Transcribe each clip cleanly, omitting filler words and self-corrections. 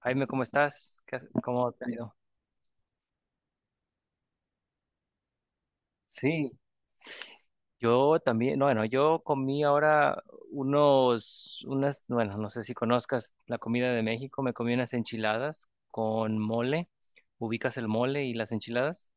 Jaime, ¿cómo estás? ¿Cómo te ha ido? Sí, yo también, bueno, yo comí ahora unas, bueno, no sé si conozcas la comida de México. Me comí unas enchiladas con mole. Ubicas el mole y las enchiladas.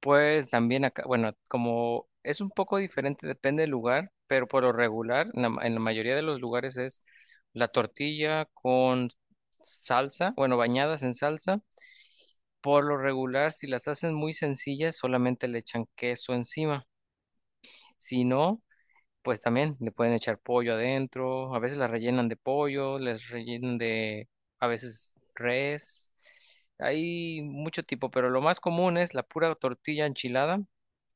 Pues también acá, bueno, como es un poco diferente, depende del lugar, pero por lo regular, en la mayoría de los lugares es la tortilla con salsa, bueno, bañadas en salsa. Por lo regular, si las hacen muy sencillas, solamente le echan queso encima. Si no, pues también le pueden echar pollo adentro. A veces las rellenan de pollo, les rellenan de, a veces res. Hay mucho tipo, pero lo más común es la pura tortilla enchilada,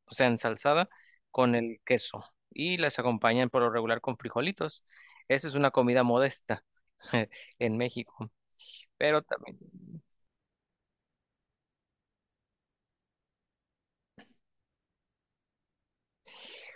o sea, ensalzada con el queso. Y las acompañan por lo regular con frijolitos. Esa es una comida modesta en México. Pero también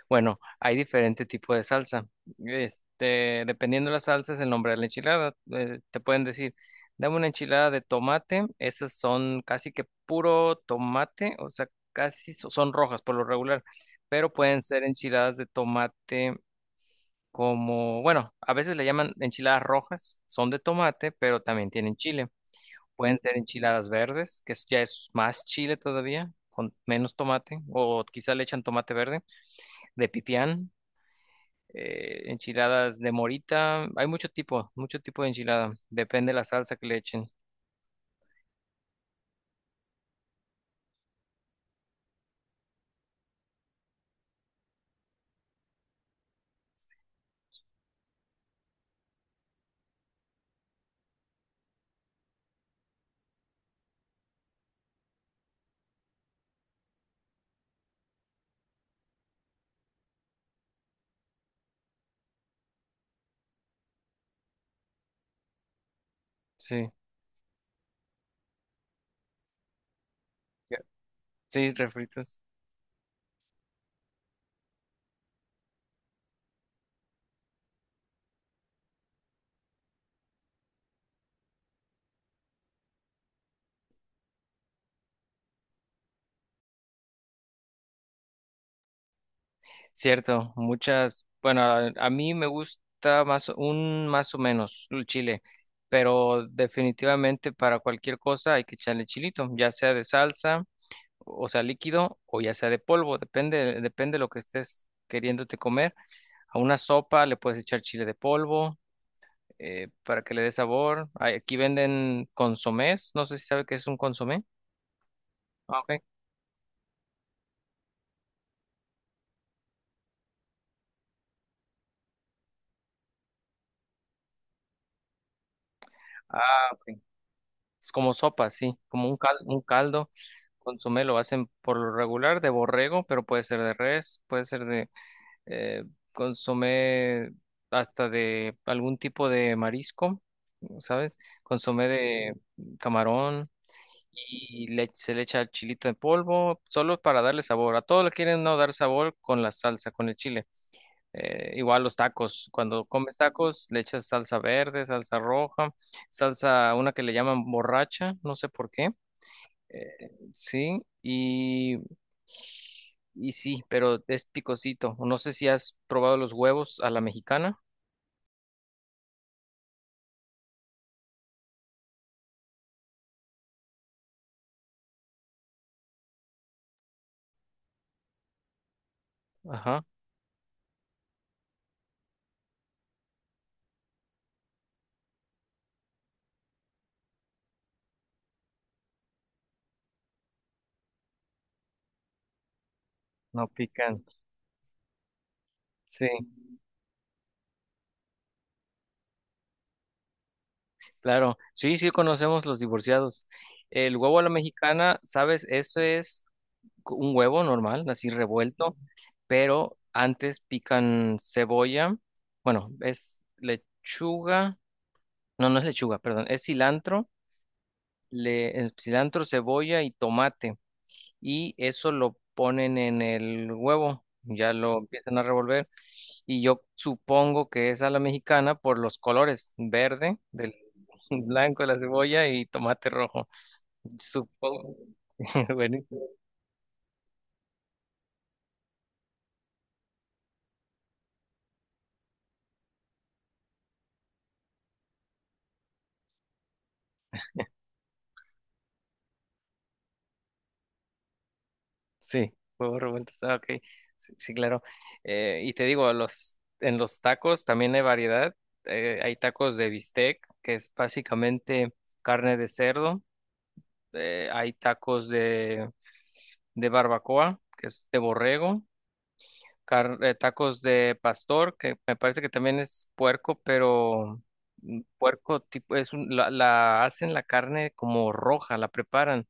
Bueno, hay diferente tipo de salsa. Este, dependiendo de la salsa, el nombre de la enchilada. Te pueden decir, dame una enchilada de tomate. Esas son casi que puro tomate, o sea, son rojas por lo regular, pero pueden ser enchiladas de tomate como, bueno, a veces le llaman enchiladas rojas, son de tomate, pero también tienen chile. Pueden ser enchiladas verdes, ya es más chile todavía, con menos tomate, o quizá le echan tomate verde de pipián, enchiladas de morita. Hay mucho tipo de enchilada. Depende de la salsa que le echen. Sí. Ya. Sí, refritos. Cierto, muchas. Bueno, a mí me gusta más un más o menos el chile, pero definitivamente para cualquier cosa hay que echarle chilito, ya sea de salsa, o sea líquido, o ya sea de polvo, depende, depende de lo que estés queriéndote comer. A una sopa le puedes echar chile de polvo, para que le dé sabor. Aquí venden consomés, no sé si sabe qué es un consomé. Ah, ok. Ah, ok. Es como sopa, sí, como un caldo, un caldo. Consomé lo hacen por lo regular de borrego, pero puede ser de res, puede ser de, eh, consomé hasta de algún tipo de marisco, ¿sabes? Consomé de camarón se le echa chilito en polvo, solo para darle sabor. A todo le quieren no dar sabor con la salsa, con el chile. Igual los tacos, cuando comes tacos le echas salsa verde, salsa roja, salsa, una que le llaman borracha, no sé por qué. Sí, y sí, pero es picosito. No sé si has probado los huevos a la mexicana. Ajá, no pican. Sí, claro. Sí, sí conocemos los divorciados. El huevo a la mexicana, ¿sabes? Eso es un huevo normal, así revuelto. Pero antes pican cebolla, bueno, es lechuga, no, no es lechuga, perdón, es cilantro, cilantro, cebolla y tomate, y eso lo ponen en el huevo, ya lo empiezan a revolver, y yo supongo que es a la mexicana por los colores, verde, del blanco de la cebolla y tomate rojo, supongo. Bueno, sí, huevos revueltos. Ah, ok. Sí, sí, claro. Y te digo, en los tacos también hay variedad. Hay tacos de bistec, que es básicamente carne de cerdo. Hay tacos de barbacoa, que es de borrego. Tacos de pastor, que me parece que también es puerco, pero puerco tipo, la hacen la carne como roja, la preparan.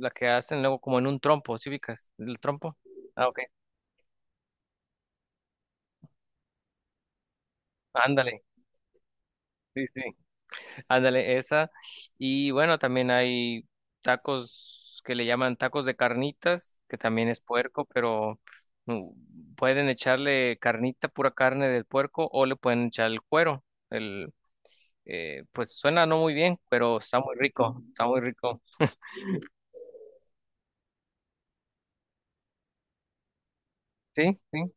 La que hacen luego como en un trompo, ¿sí ubicas? El trompo. Ah, ok. Ándale, sí, sí, ándale, esa. Y bueno, también hay tacos que le llaman tacos de carnitas, que también es puerco, pero pueden echarle carnita, pura carne del puerco, o le pueden echar el cuero. El, pues suena no muy bien, pero está muy rico, está muy rico. Sí, sí.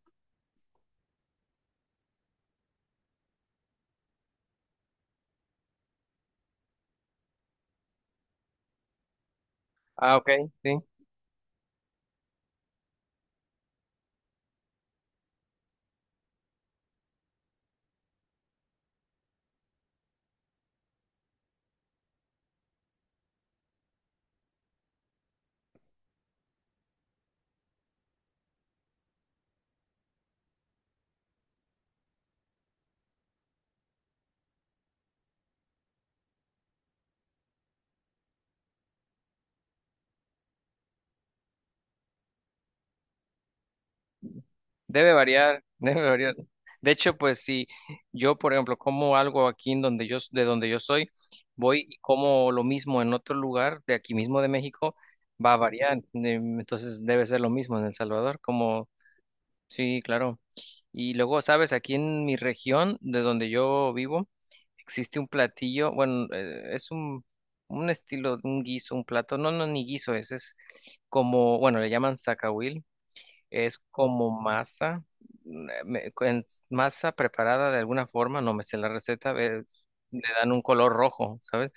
Ah, ok, sí. Debe variar, debe variar. De hecho, pues si yo, por ejemplo, como algo aquí de donde yo soy, voy y como lo mismo en otro lugar de aquí mismo de México, va a variar. Entonces debe ser lo mismo en El Salvador, como, sí, claro. Y luego, sabes, aquí en mi región, de donde yo vivo, existe un platillo, bueno, es un estilo, un guiso, un plato, no, no, ni guiso, es como, bueno, le llaman zacahuil, es como masa, mm, eh, me- en- masa preparada de alguna forma, no me sé la receta, le dan un color rojo, ¿sabes?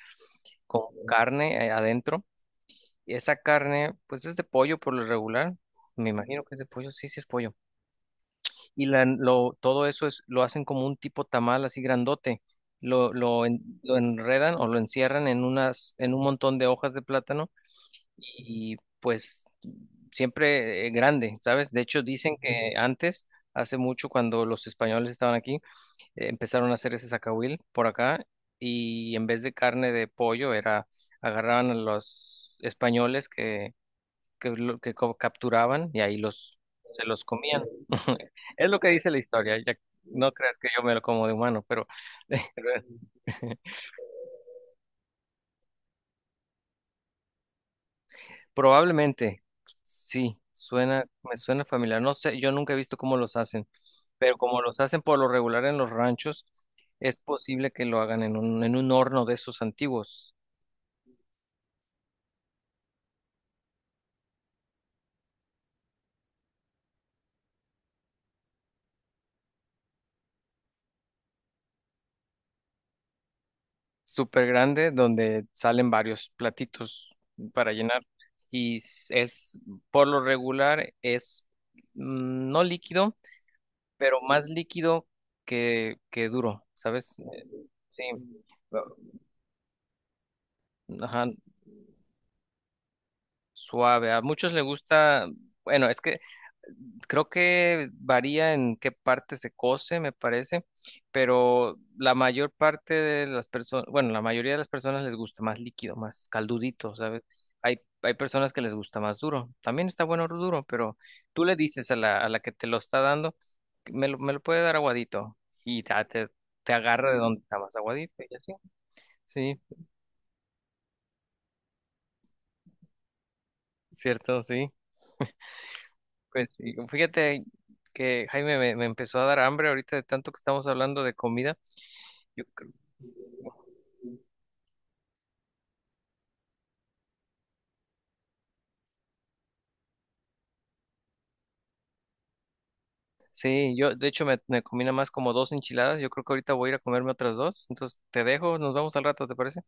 Con carne, adentro. Y esa carne, pues es de pollo por lo regular. Me imagino que es de pollo, sí, sí es pollo. Y todo eso es, lo hacen como un tipo tamal así grandote. Lo enredan o lo encierran en en un montón de hojas de plátano, y pues siempre, grande, ¿sabes? De hecho, dicen que antes, hace mucho, cuando los españoles estaban aquí, empezaron a hacer ese zacahuil por acá, y en vez de carne de pollo era, agarraban a los españoles que capturaban y ahí se los comían. Es lo que dice la historia, ya no creas que yo me lo como de humano, pero probablemente sí, me suena familiar. No sé, yo nunca he visto cómo los hacen. Pero como los hacen por lo regular en los ranchos, es posible que lo hagan en un horno de esos antiguos, súper grande, donde salen varios platitos para llenar. Y s- es, por lo regular, es no líquido, pero más líquido que duro, ¿sabes? Sí, ajá, suave. A muchos les gusta, bueno, es que creo que varía en qué parte se cose, me parece, pero la mayor parte de las personas, bueno, la mayoría de las personas les gusta más líquido, más caldudito, ¿sabes? Hay personas que les gusta más duro. También está bueno duro, pero tú le dices a la que te lo está dando, que me lo puede dar aguadito y te agarra de donde está más aguadito y así. Sí, cierto, sí. Pues sí, fíjate que, Jaime, me empezó a dar hambre ahorita de tanto que estamos hablando de comida. Yo creo- Sí, yo de hecho me combina más como dos enchiladas. Yo creo que ahorita voy a ir a comerme otras dos. Entonces te dejo, nos vemos al rato, ¿te parece?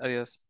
Adiós.